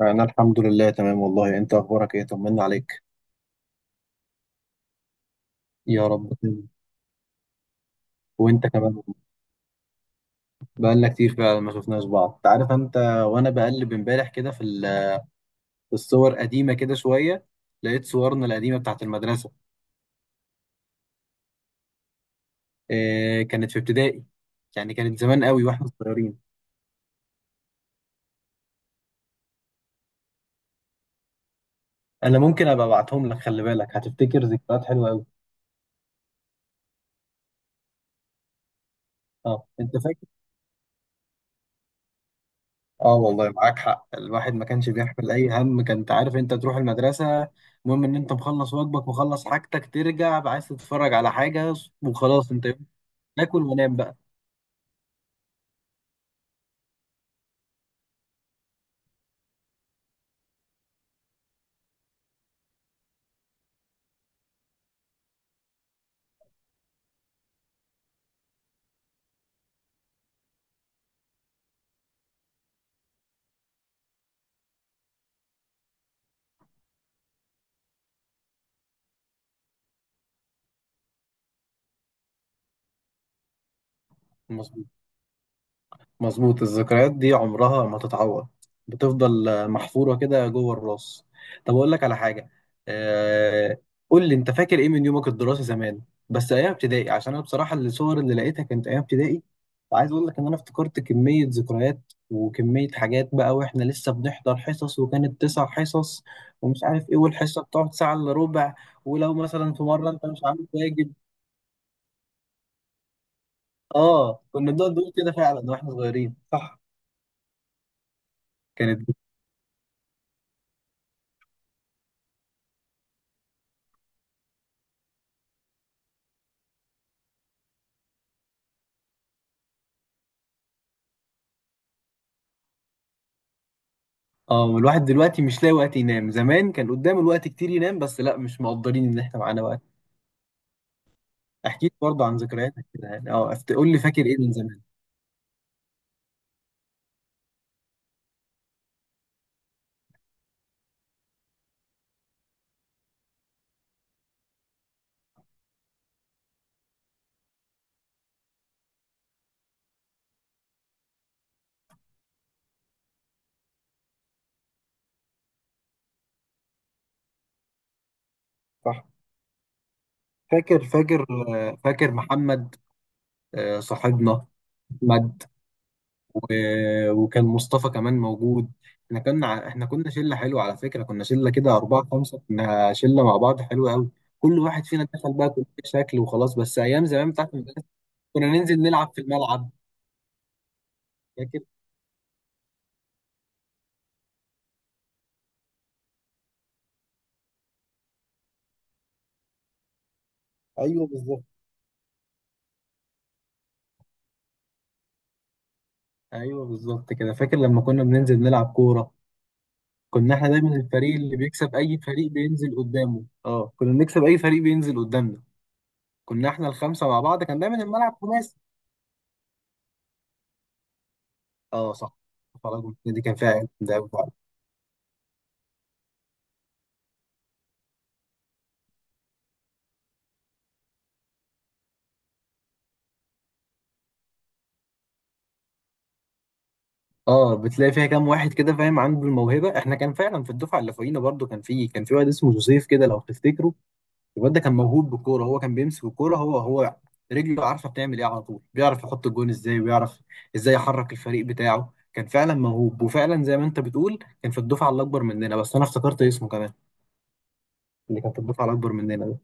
أنا الحمد لله تمام والله. أنت أخبارك إيه؟ طمنا عليك. يا رب تاني. وأنت كمان. بقالنا كتير فعلا ما شفناش بعض، أنت عارف أنت. وأنا بقلب إمبارح كده في في الصور قديمة كده شوية، لقيت صورنا القديمة بتاعت المدرسة. إيه كانت في ابتدائي، يعني كانت زمان قوي وإحنا صغيرين. أنا ممكن أبقى أبعتهم لك، خلي بالك هتفتكر ذكريات حلوة قوي. أه أنت فاكر. اه والله معاك حق، الواحد ما كانش بيحمل اي هم، كنت عارف انت تروح المدرسه، المهم ان انت مخلص واجبك، مخلص حاجتك، ترجع عايز تتفرج على حاجه وخلاص، انت يوم تاكل ونام بقى. مظبوط، مظبوط. الذكريات دي عمرها ما تتعوض، بتفضل محفورة كده جوه الراس. طب أقول لك على حاجة، آه، قول لي أنت فاكر إيه من يومك الدراسي زمان؟ بس أيام ابتدائي، عشان أنا بصراحة الصور اللي لقيتها كانت أيام ابتدائي. وعايز أقول لك إن أنا افتكرت كمية ذكريات وكمية حاجات بقى، وإحنا لسه بنحضر حصص وكانت 9 حصص ومش عارف إيه، والحصة بتقعد ساعة إلا ربع، ولو مثلا في مرة أنت مش عامل واجب. آه كنا بنقعد نقول كده فعلا وإحنا صغيرين، صح. كانت. اه والواحد دلوقتي مش لاقي وقت ينام، زمان كان قدامه الوقت كتير ينام، بس لا مش مقدرين ان احنا معانا وقت. احكي لي برضه عن ذكرياتك كده يعني، اه قول لي فاكر ايه من زمان. صح. فاكر، فاكر. فاكر محمد، صاحبنا. احمد. و- وكان مصطفى كمان موجود. احنا احنا كنا شله حلوه على فكره، كنا شله كده اربعه خمسه، كنا شله مع بعض حلوه قوي. كل واحد فينا دخل بقى كل شكل وخلاص، بس ايام زمان بتاعت المدرسه كنا ننزل نلعب في الملعب. فاكر. ايوه بالظبط. ايوه بالظبط كده، فاكر لما كنا بننزل نلعب كوره. كنا احنا دايما الفريق اللي بيكسب، اي فريق بينزل قدامه، اه كنا بنكسب اي فريق بينزل قدامنا، كنا احنا الخمسه مع بعض، كان دايما الملعب خماسي. اه صح. خلاص دي كان فعلا، ده أوي فعلا. اه بتلاقي فيها كام واحد كده فاهم عنده الموهبه، احنا كان فعلا في الدفعه اللي فوقينا برضو كان في واحد اسمه جوزيف كده لو تفتكره. الواد ده كان موهوب بالكوره، هو كان بيمسك الكوره، هو رجله عارفه بتعمل ايه على طول، بيعرف يحط الجون ازاي، ويعرف ازاي يحرك الفريق بتاعه، كان فعلا موهوب، وفعلا زي ما انت بتقول كان في الدفعه الاكبر مننا، بس انا افتكرت اسمه كمان، اللي كان في الدفعه الاكبر مننا ده.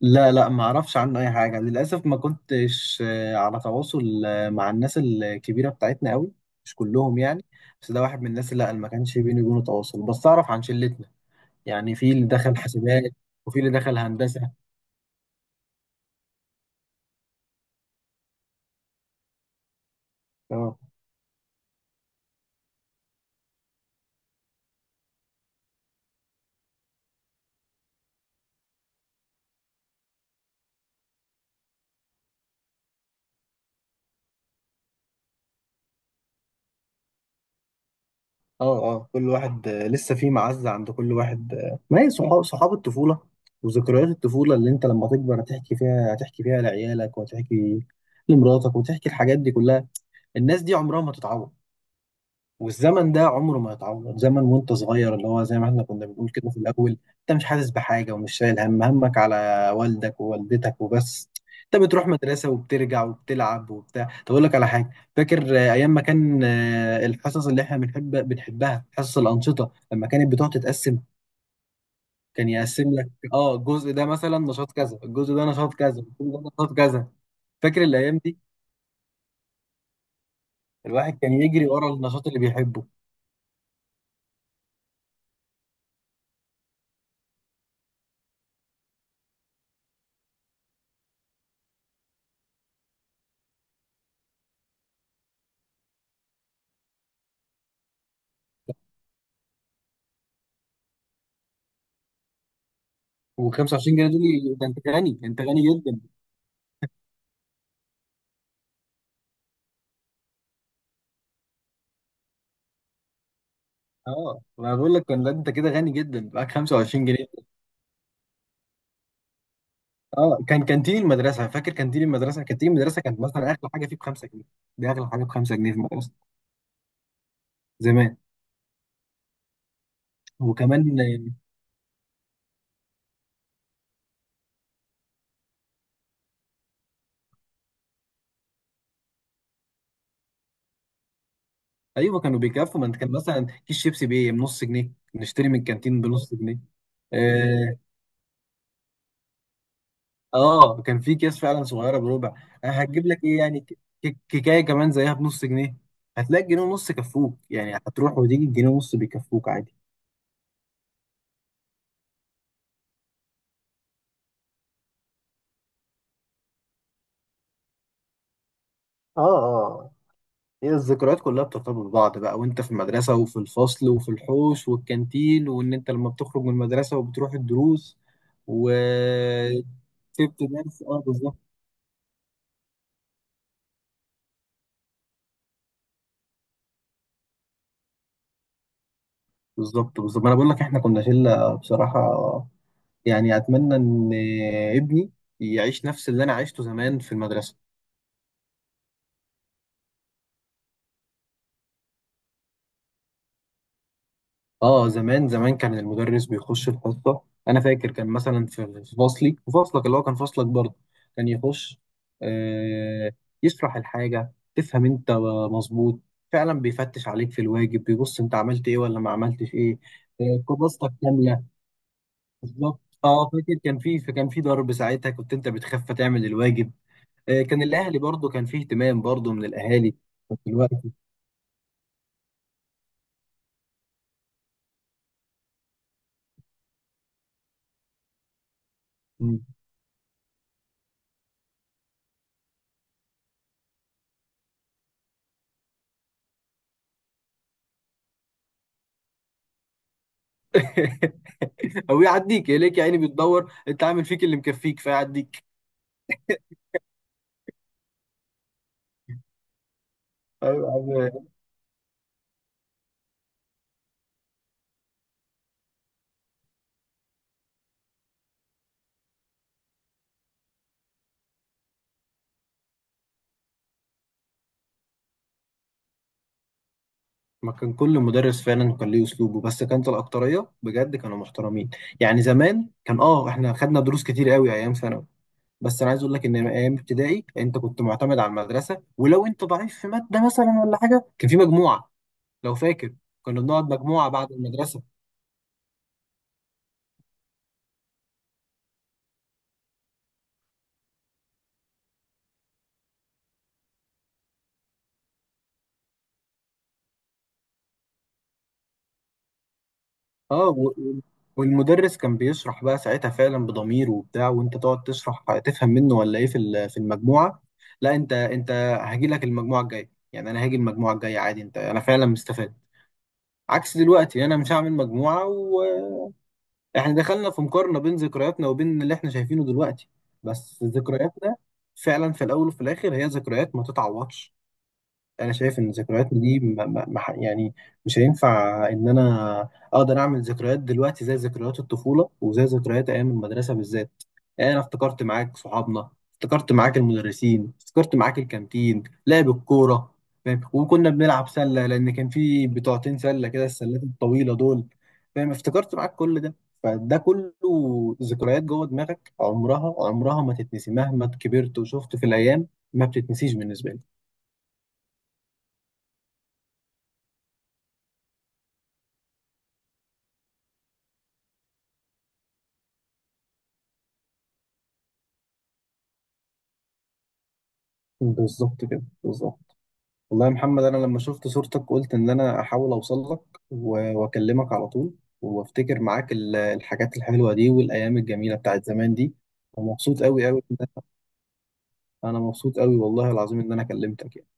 لا لا، ما اعرفش عنه اي حاجه للاسف، ما كنتش على تواصل مع الناس الكبيره بتاعتنا قوي، مش كلهم يعني، بس ده واحد من الناس اللي لا اللي ما كانش بيني وبينه تواصل، بس اعرف عن شلتنا يعني، في اللي دخل حسابات وفي اللي دخل هندسه. اه اه اه، كل واحد لسه في معزة عند كل واحد آه. ما هي صحاب، صحاب الطفولة وذكريات الطفولة، اللي انت لما تكبر هتحكي فيها، هتحكي فيها لعيالك وهتحكي لمراتك وتحكي الحاجات دي كلها. الناس دي عمرها ما تتعوض، والزمن ده عمره ما يتعوض. زمن وانت صغير، اللي هو زي ما احنا كنا بنقول كده في الاول، انت مش حاسس بحاجه ومش شايل هم، همك على والدك ووالدتك وبس، انت بتروح مدرسه وبترجع وبتلعب وبتاع. طب اقول لك على حاجه، فاكر ايام ما كان الحصص اللي احنا بنحب، بنحبها حصص الانشطه، لما كانت بتقعد تتقسم، كان يقسم لك اه الجزء ده مثلا نشاط كذا، الجزء ده نشاط كذا، الجزء ده نشاط كذا. فاكر الايام دي؟ الواحد كان يجري ورا النشاط اللي بيحبه. و25 جنيه دول، ده انت غني، انت غني جدا. اه ما بقول لك كان انت كده غني جدا، معاك 25 جنيه. اه كان كانتين المدرسه، فاكر كانتين المدرسه، كانتين المدرسه كانت مثلا اغلى حاجه فيه ب 5 جنيه، دي اغلى حاجه ب 5 جنيه في المدرسه زمان. وكمان ايوه كانوا بيكفوا، ما انت كان مثلا كيس شيبسي بايه بنص جنيه، نشتري من الكانتين بنص جنيه. اه كان في اكياس فعلا صغيره بربع. هتجيب لك ايه يعني، كيكايه كمان زيها بنص جنيه، هتلاقي جنيه ونص كفوك يعني، هتروح وتيجي الجنيه ونص بيكفوك عادي. اه اه. هي الذكريات كلها بترتبط ببعض بقى، وانت في المدرسة وفي الفصل وفي الحوش والكانتين، وان انت لما بتخرج من المدرسة وبتروح الدروس وسبت درس، اه بالظبط. بالظبط، بالظبط، ما انا بقول لك احنا كنا شلة بصراحة يعني. اتمنى ان ابني يعيش نفس اللي انا عشته زمان في المدرسة. اه زمان، زمان كان المدرس بيخش الحصه، انا فاكر كان مثلا في فصلي، في فصلك اللي هو كان فصلك برضه، كان يخش آه يشرح الحاجه تفهم انت، مظبوط فعلا، بيفتش عليك في الواجب، بيبص انت عملت ايه ولا ما عملتش ايه، كراستك كامله. بالظبط اه. فاكر كان في ضرب ساعتها، كنت انت بتخاف تعمل الواجب. آه كان الاهلي برضه، كان فيه اهتمام برضه من الاهالي في الوقت. او يعديك يلاقيك يا عيني بتدور، انت عامل فيك اللي مكفيك فيعديك. ايوه. عايز- ما كان كل مدرس فعلا كان ليه اسلوبه، بس كانت الاكتريه بجد كانوا محترمين. يعني زمان كان اه احنا خدنا دروس كتير قوي ايام ثانوي، بس انا عايز اقول لك ان ايام ابتدائي انت كنت معتمد على المدرسه، ولو انت ضعيف في ماده مثلا ولا حاجه كان في مجموعه، لو فاكر، كنا بنقعد مجموعه بعد المدرسه. اه والمدرس كان بيشرح بقى ساعتها فعلا بضمير وبتاع، وانت تقعد تشرح تفهم منه ولا ايه في في المجموعه. لا انت، انت هاجي لك المجموعه الجايه يعني، انا هاجي المجموعه الجايه عادي، انت انا فعلا مستفاد، عكس دلوقتي انا مش هعمل مجموعه. واحنا دخلنا في مقارنه بين ذكرياتنا وبين اللي احنا شايفينه دلوقتي، بس ذكرياتنا فعلا في الاول وفي الاخر هي ذكريات ما تتعوضش. انا شايف ان ذكرياتنا دي ما ما ما ح- يعني مش هينفع ان انا اقدر اعمل ذكريات دلوقتي زي ذكريات الطفوله وزي ذكريات ايام المدرسه بالذات. يعني انا افتكرت معاك صحابنا، افتكرت معاك المدرسين، افتكرت معاك الكانتين، لعب الكوره، فاهم، وكنا بنلعب سله، لان كان في بتوعتين سله كده، السلات الطويله دول، فاهم، افتكرت معاك كل ده. فده كله ذكريات جوه دماغك، عمرها، عمرها ما تتنسي مهما كبرت وشفت في الايام، ما بتتنسيش بالنسبه لي. بالظبط كده، بالظبط. والله يا محمد، انا لما شفت صورتك قلت ان انا احاول اوصل لك واكلمك على طول، وافتكر معاك الحاجات الحلوه دي والايام الجميله بتاعت زمان دي. ومبسوط قوي قوي إن انا أنا مبسوط قوي والله العظيم ان انا كلمتك يعني.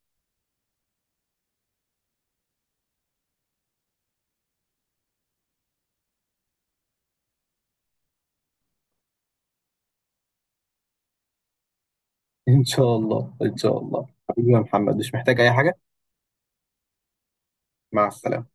ان شاء الله، ان شاء الله حبيبي يا محمد، مش محتاج اي حاجه. مع السلامه.